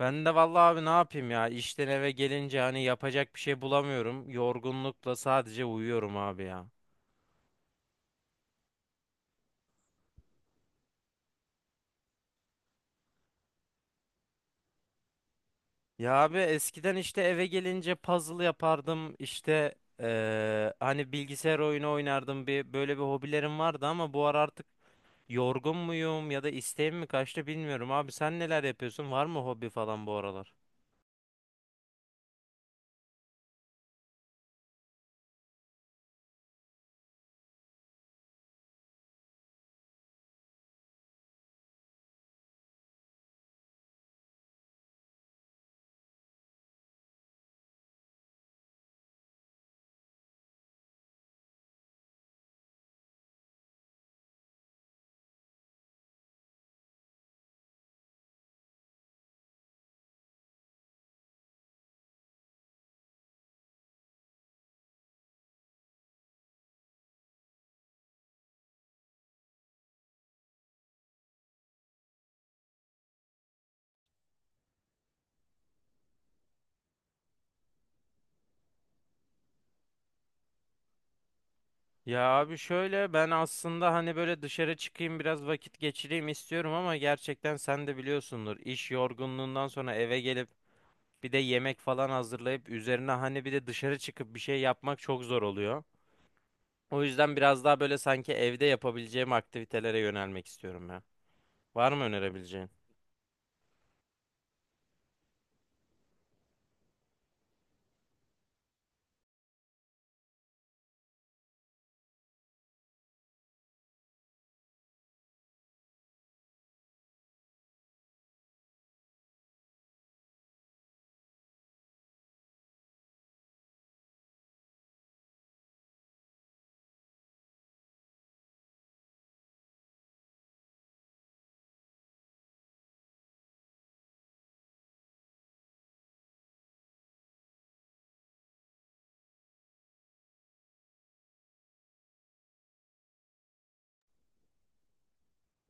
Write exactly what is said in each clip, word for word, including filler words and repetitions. Ben de vallahi abi ne yapayım ya işten eve gelince hani yapacak bir şey bulamıyorum Yorgunlukla sadece uyuyorum abi ya. Ya abi eskiden işte eve gelince puzzle yapardım işte eee, hani bilgisayar oyunu oynardım, bir böyle bir hobilerim vardı ama bu ara artık yorgun muyum ya da isteğim mi kaçtı bilmiyorum abi. Sen neler yapıyorsun, var mı hobi falan bu aralar? Ya abi şöyle, ben aslında hani böyle dışarı çıkayım biraz vakit geçireyim istiyorum ama gerçekten sen de biliyorsundur, iş yorgunluğundan sonra eve gelip bir de yemek falan hazırlayıp üzerine hani bir de dışarı çıkıp bir şey yapmak çok zor oluyor. O yüzden biraz daha böyle sanki evde yapabileceğim aktivitelere yönelmek istiyorum ya. Var mı önerebileceğin?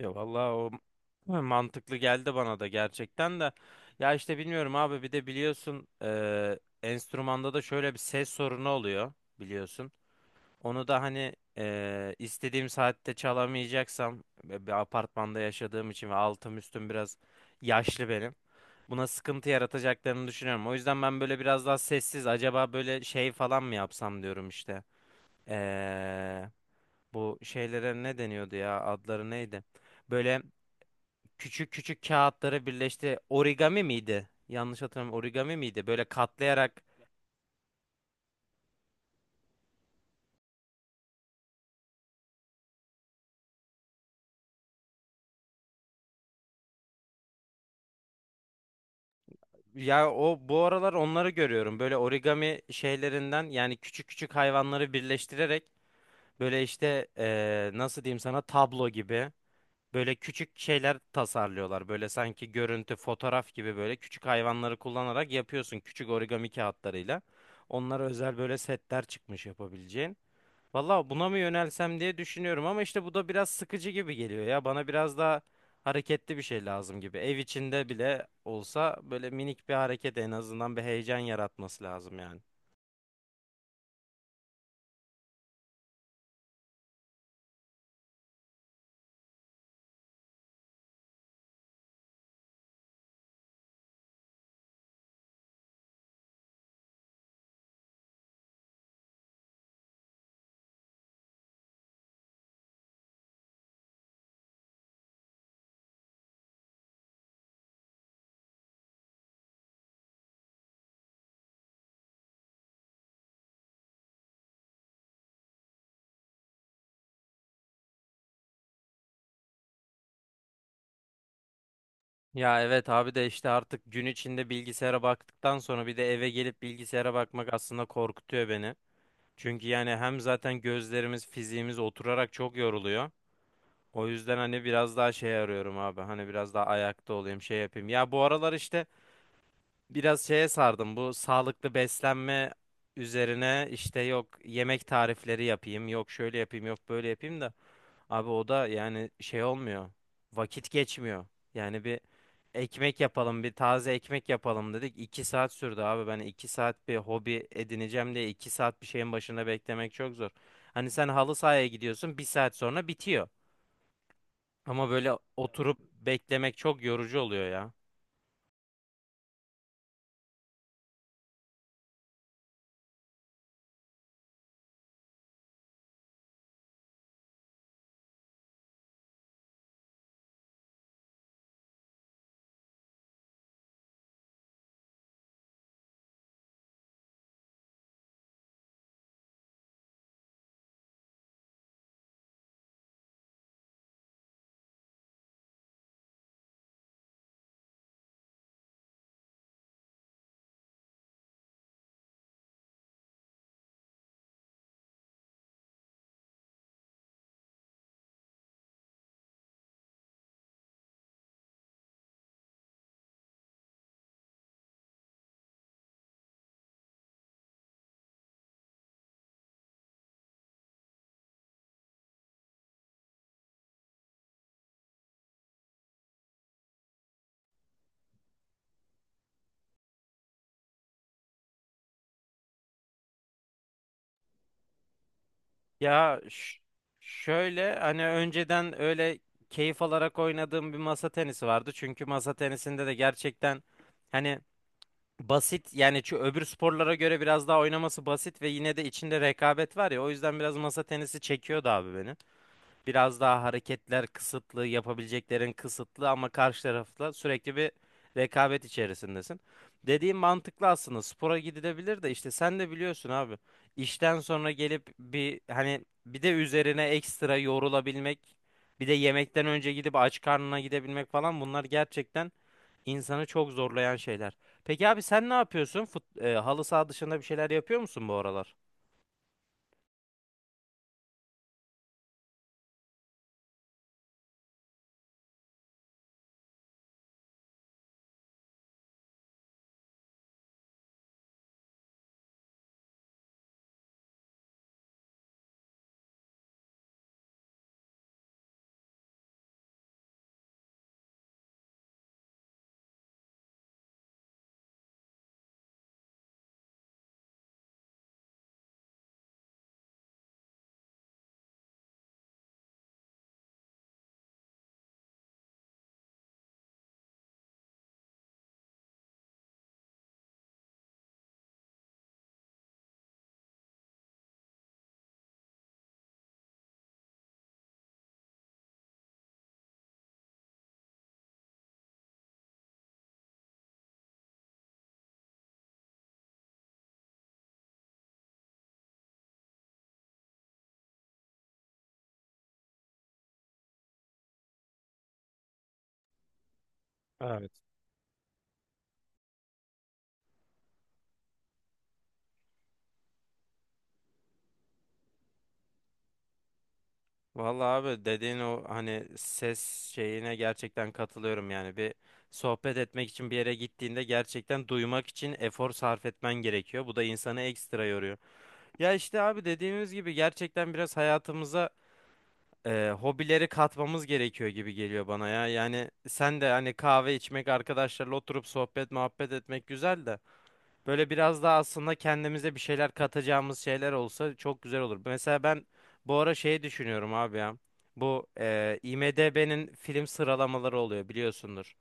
Ya vallahi o m- mantıklı geldi bana da gerçekten de. Ya işte bilmiyorum abi, bir de biliyorsun eee enstrümanda da şöyle bir ses sorunu oluyor biliyorsun. Onu da hani eee, istediğim saatte çalamayacaksam ve bir apartmanda yaşadığım için, ve altım üstüm biraz yaşlı benim. Buna sıkıntı yaratacaklarını düşünüyorum. O yüzden ben böyle biraz daha sessiz acaba böyle şey falan mı yapsam diyorum işte. Eee, Bu şeylere ne deniyordu ya, adları neydi? Böyle küçük küçük kağıtları birleşti. Origami miydi? Yanlış hatırlamıyorum. Origami miydi? Böyle katlayarak. Ya o bu aralar onları görüyorum. Böyle origami şeylerinden, yani küçük küçük hayvanları birleştirerek böyle işte eee, nasıl diyeyim sana, tablo gibi böyle küçük şeyler tasarlıyorlar. Böyle sanki görüntü, fotoğraf gibi böyle küçük hayvanları kullanarak yapıyorsun küçük origami kağıtlarıyla. Onlara özel böyle setler çıkmış yapabileceğin. Valla buna mı yönelsem diye düşünüyorum, ama işte bu da biraz sıkıcı gibi geliyor ya. Bana biraz daha hareketli bir şey lazım gibi. Ev içinde bile olsa böyle minik bir hareket, en azından bir heyecan yaratması lazım yani. Ya evet abi, de işte artık gün içinde bilgisayara baktıktan sonra bir de eve gelip bilgisayara bakmak aslında korkutuyor beni. Çünkü yani hem zaten gözlerimiz, fiziğimiz oturarak çok yoruluyor. O yüzden hani biraz daha şey arıyorum abi. Hani biraz daha ayakta olayım, şey yapayım. Ya bu aralar işte biraz şeye sardım, bu sağlıklı beslenme üzerine işte yok yemek tarifleri yapayım, yok şöyle yapayım, yok böyle yapayım, da abi o da yani şey olmuyor, vakit geçmiyor yani. Bir ekmek yapalım, bir taze ekmek yapalım dedik, iki saat sürdü abi. Ben iki saat bir hobi edineceğim diye iki saat bir şeyin başında beklemek çok zor. Hani sen halı sahaya gidiyorsun, bir saat sonra bitiyor, ama böyle oturup beklemek çok yorucu oluyor. Ya ş- şöyle hani önceden öyle keyif alarak oynadığım bir masa tenisi vardı. Çünkü masa tenisinde de gerçekten hani basit yani, şu öbür sporlara göre biraz daha oynaması basit, ve yine de içinde rekabet var ya. O yüzden biraz masa tenisi çekiyordu abi beni. Biraz daha hareketler kısıtlı, yapabileceklerin kısıtlı, ama karşı tarafla sürekli bir rekabet içerisindesin. Dediğim mantıklı, aslında spora gidilebilir de işte sen de biliyorsun abi. İşten sonra gelip bir hani bir de üzerine ekstra yorulabilmek, bir de yemekten önce gidip aç karnına gidebilmek falan, bunlar gerçekten insanı çok zorlayan şeyler. Peki abi sen ne yapıyorsun? Fut, e, halı saha dışında bir şeyler yapıyor musun bu aralar? Evet. Vallahi abi dediğin o hani ses şeyine gerçekten katılıyorum, yani bir sohbet etmek için bir yere gittiğinde gerçekten duymak için efor sarf etmen gerekiyor. Bu da insanı ekstra yoruyor. Ya işte abi dediğimiz gibi gerçekten biraz hayatımıza e, hobileri katmamız gerekiyor gibi geliyor bana ya. Yani sen de hani kahve içmek, arkadaşlarla oturup sohbet muhabbet etmek güzel de. Böyle biraz daha aslında kendimize bir şeyler katacağımız şeyler olsa çok güzel olur. Mesela ben bu ara şey düşünüyorum abi ya. Bu e, IMDb'nin film sıralamaları oluyor, biliyorsundur.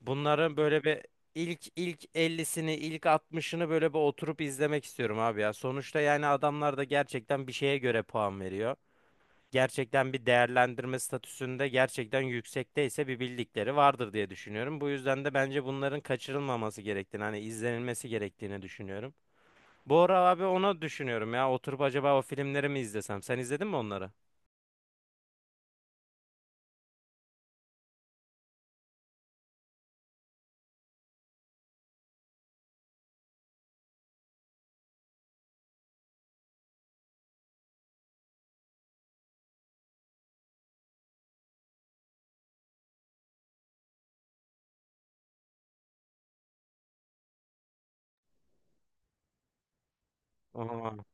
Bunların böyle bir ilk ilk ellisini, ilk altmışını böyle bir oturup izlemek istiyorum abi ya. Sonuçta yani adamlar da gerçekten bir şeye göre puan veriyor. Gerçekten bir değerlendirme statüsünde gerçekten yüksekteyse bir bildikleri vardır diye düşünüyorum. Bu yüzden de bence bunların kaçırılmaması gerektiğini, hani izlenilmesi gerektiğini düşünüyorum. Bu ara abi onu düşünüyorum ya. Oturup acaba o filmleri mi izlesem? Sen izledin mi onları? Oha.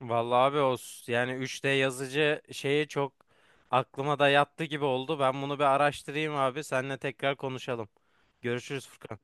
Vallahi abi o s- yani üç D yazıcı şeyi çok aklıma da yattı gibi oldu. Ben bunu bir araştırayım abi. Seninle tekrar konuşalım. Görüşürüz Furkan.